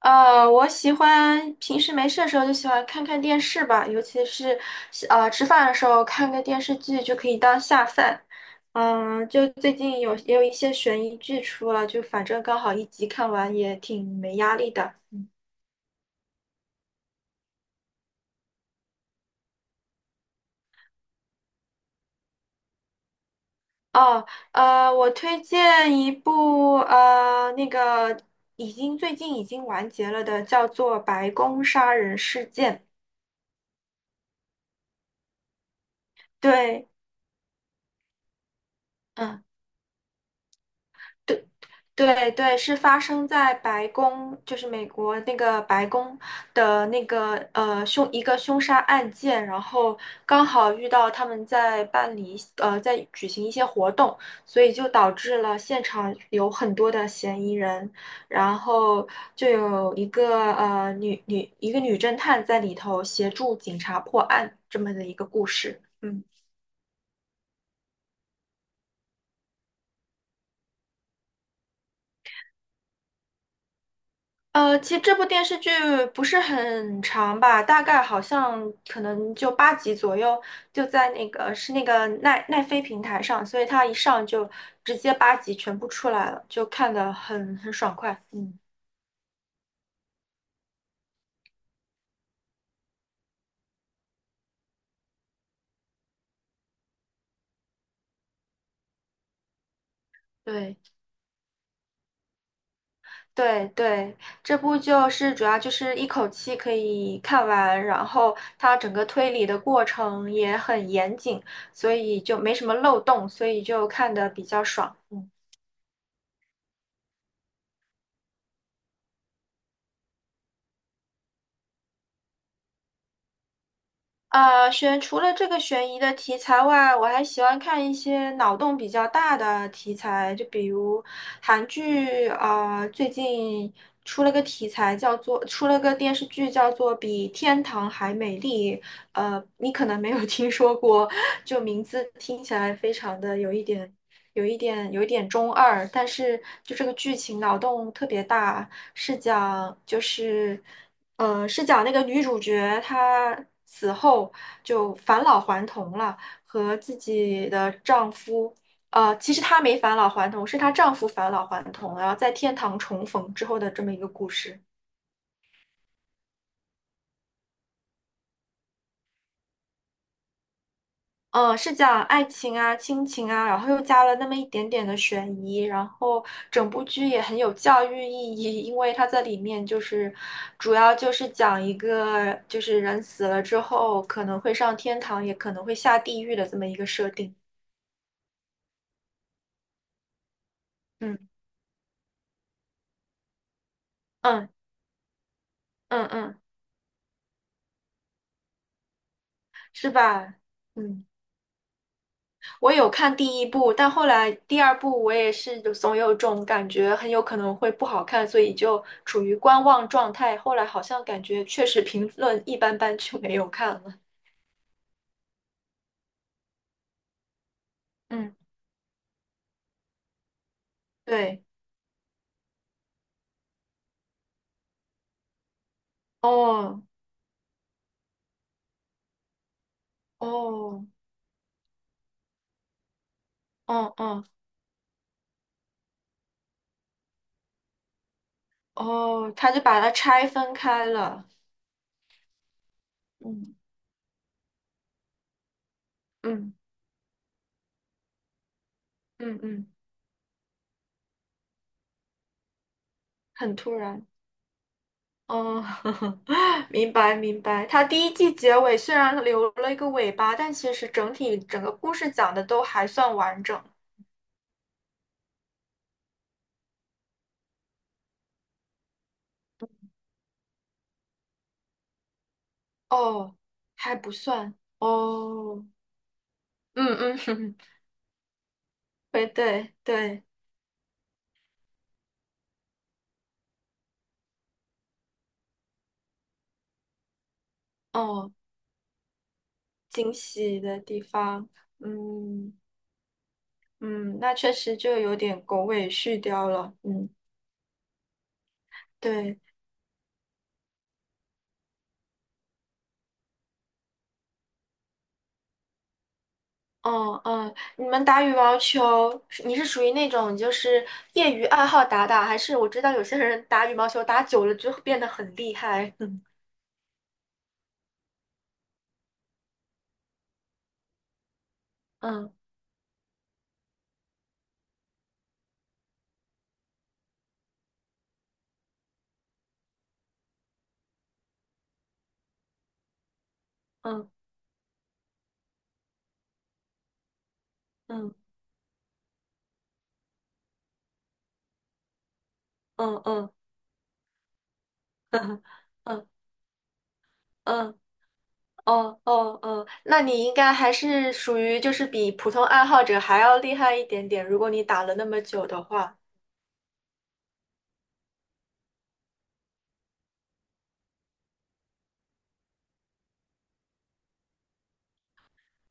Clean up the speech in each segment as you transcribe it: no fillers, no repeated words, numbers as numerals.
我喜欢平时没事的时候就喜欢看看电视吧，尤其是吃饭的时候看个电视剧就可以当下饭。嗯，就最近也有一些悬疑剧出了，就反正刚好一集看完也挺没压力的。哦，我推荐一部最近已经完结了的，叫做《白宫杀人事件》。对，嗯。对。对，是发生在白宫，就是美国那个白宫的那个呃凶一个凶杀案件，然后刚好遇到他们在办理在举行一些活动，所以就导致了现场有很多的嫌疑人，然后就有一个女侦探在里头协助警察破案这么的一个故事。嗯。其实这部电视剧不是很长吧，大概好像可能就八集左右，就在那个是那个奈飞平台上，所以它一上就直接八集全部出来了，就看得很爽快。嗯，对对，这部就是主要就是一口气可以看完，然后它整个推理的过程也很严谨，所以就没什么漏洞，所以就看得比较爽。嗯啊，除了这个悬疑的题材外，我还喜欢看一些脑洞比较大的题材，就比如韩剧，啊，最近出了个电视剧叫做《比天堂还美丽》，你可能没有听说过，就名字听起来非常的有一点。有一点中二，但是就这个剧情脑洞特别大，是讲就是呃是讲那个女主角她死后就返老还童了，和自己的丈夫。其实她没返老还童，是她丈夫返老还童，然后在天堂重逢之后的这么一个故事。嗯，是讲爱情啊、亲情啊，然后又加了那么一点点的悬疑，然后整部剧也很有教育意义，因为它在里面就是主要就是讲一个就是人死了之后可能会上天堂，也可能会下地狱的这么一个设定。嗯嗯嗯，是吧？嗯。我有看第一部，但后来第二部我也是就总有种感觉，很有可能会不好看，所以就处于观望状态。后来好像感觉确实评论一般般，就没有看了。嗯，对，哦，哦，哦，哦，哦,他就把它拆分开了。嗯嗯嗯，很突然。哦，明白明白。他第一季结尾虽然留了一个尾巴，但其实整体整个故事讲的都还算完整。哦，还不算哦，嗯嗯，对对对，哦，惊喜的地方，嗯嗯，那确实就有点狗尾续貂了，嗯，对，哦嗯，你们打羽毛球，你是属于那种就是业余爱好打打，还是我知道有些人打羽毛球打久了就变得很厉害，嗯嗯嗯嗯嗯嗯嗯。嗯哦，那你应该还是属于就是比普通爱好者还要厉害一点点，如果你打了那么久的话。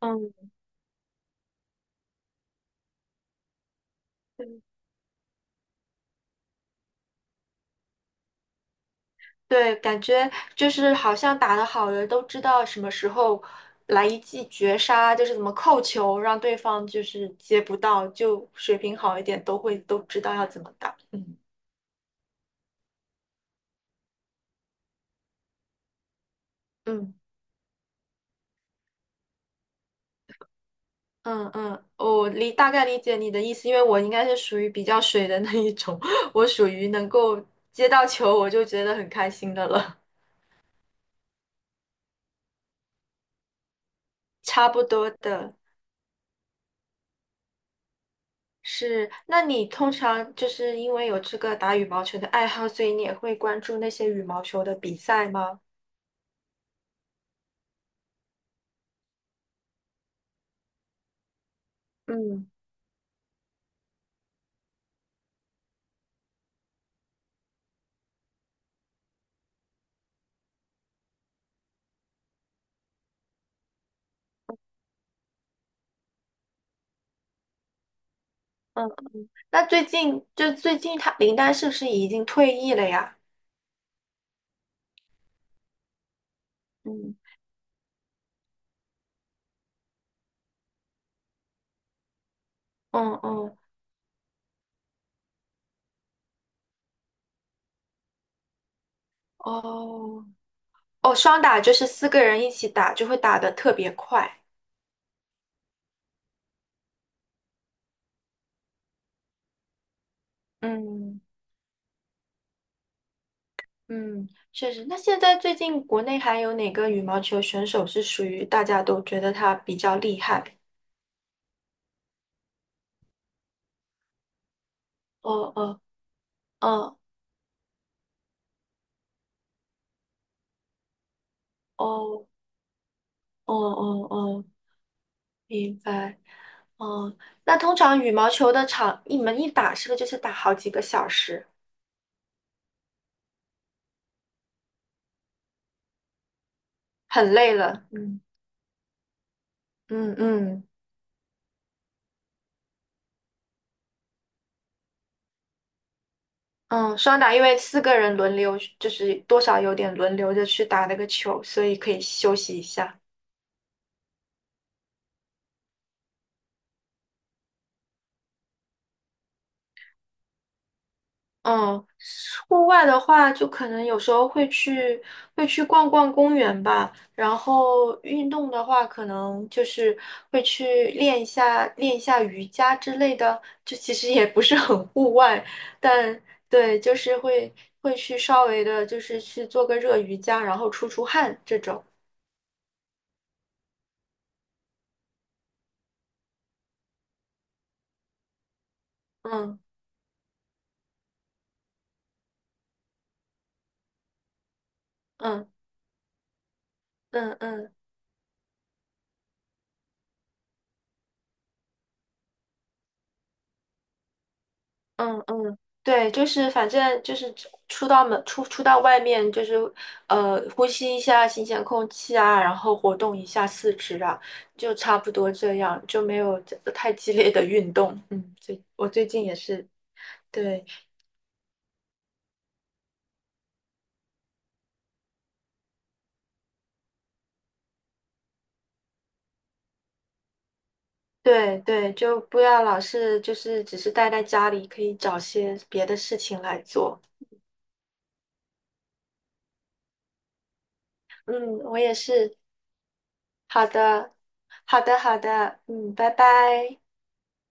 嗯，嗯对，感觉就是好像打得好的都知道什么时候来一记绝杀，就是怎么扣球，让对方就是接不到，就水平好一点都会都知道要怎么打。嗯嗯。嗯嗯，大概理解你的意思，因为我应该是属于比较水的那一种，我属于能够接到球我就觉得很开心的了。差不多的是，那你通常就是因为有这个打羽毛球的爱好，所以你也会关注那些羽毛球的比赛吗？嗯嗯，那最近他林丹是不是已经退役了呀？嗯嗯，哦哦，双打就是四个人一起打，就会打得特别快。嗯。嗯，确实。那现在最近国内还有哪个羽毛球选手是属于大家都觉得他比较厉害？哦哦哦哦哦，明白。哦，那通常羽毛球的场，你们一打是不是就是打好几个小时，很累了？嗯嗯嗯嗯，双打因为四个人轮流，就是多少有点轮流着去打那个球，所以可以休息一下。嗯，户外的话，就可能有时候会去会去逛逛公园吧。然后运动的话，可能就是会去练一下瑜伽之类的。就其实也不是很户外，但对，就是会去稍微的，就是去做个热瑜伽，然后出汗这种。嗯嗯嗯。嗯嗯，对，就是反正就是出到外面，就是呼吸一下新鲜空气啊，然后活动一下四肢啊，就差不多这样，就没有太激烈的运动。嗯，我最近也是，对对，就不要老是就是只是待在家里，可以找些别的事情来做。嗯，我也是。好的，好的嗯，拜拜。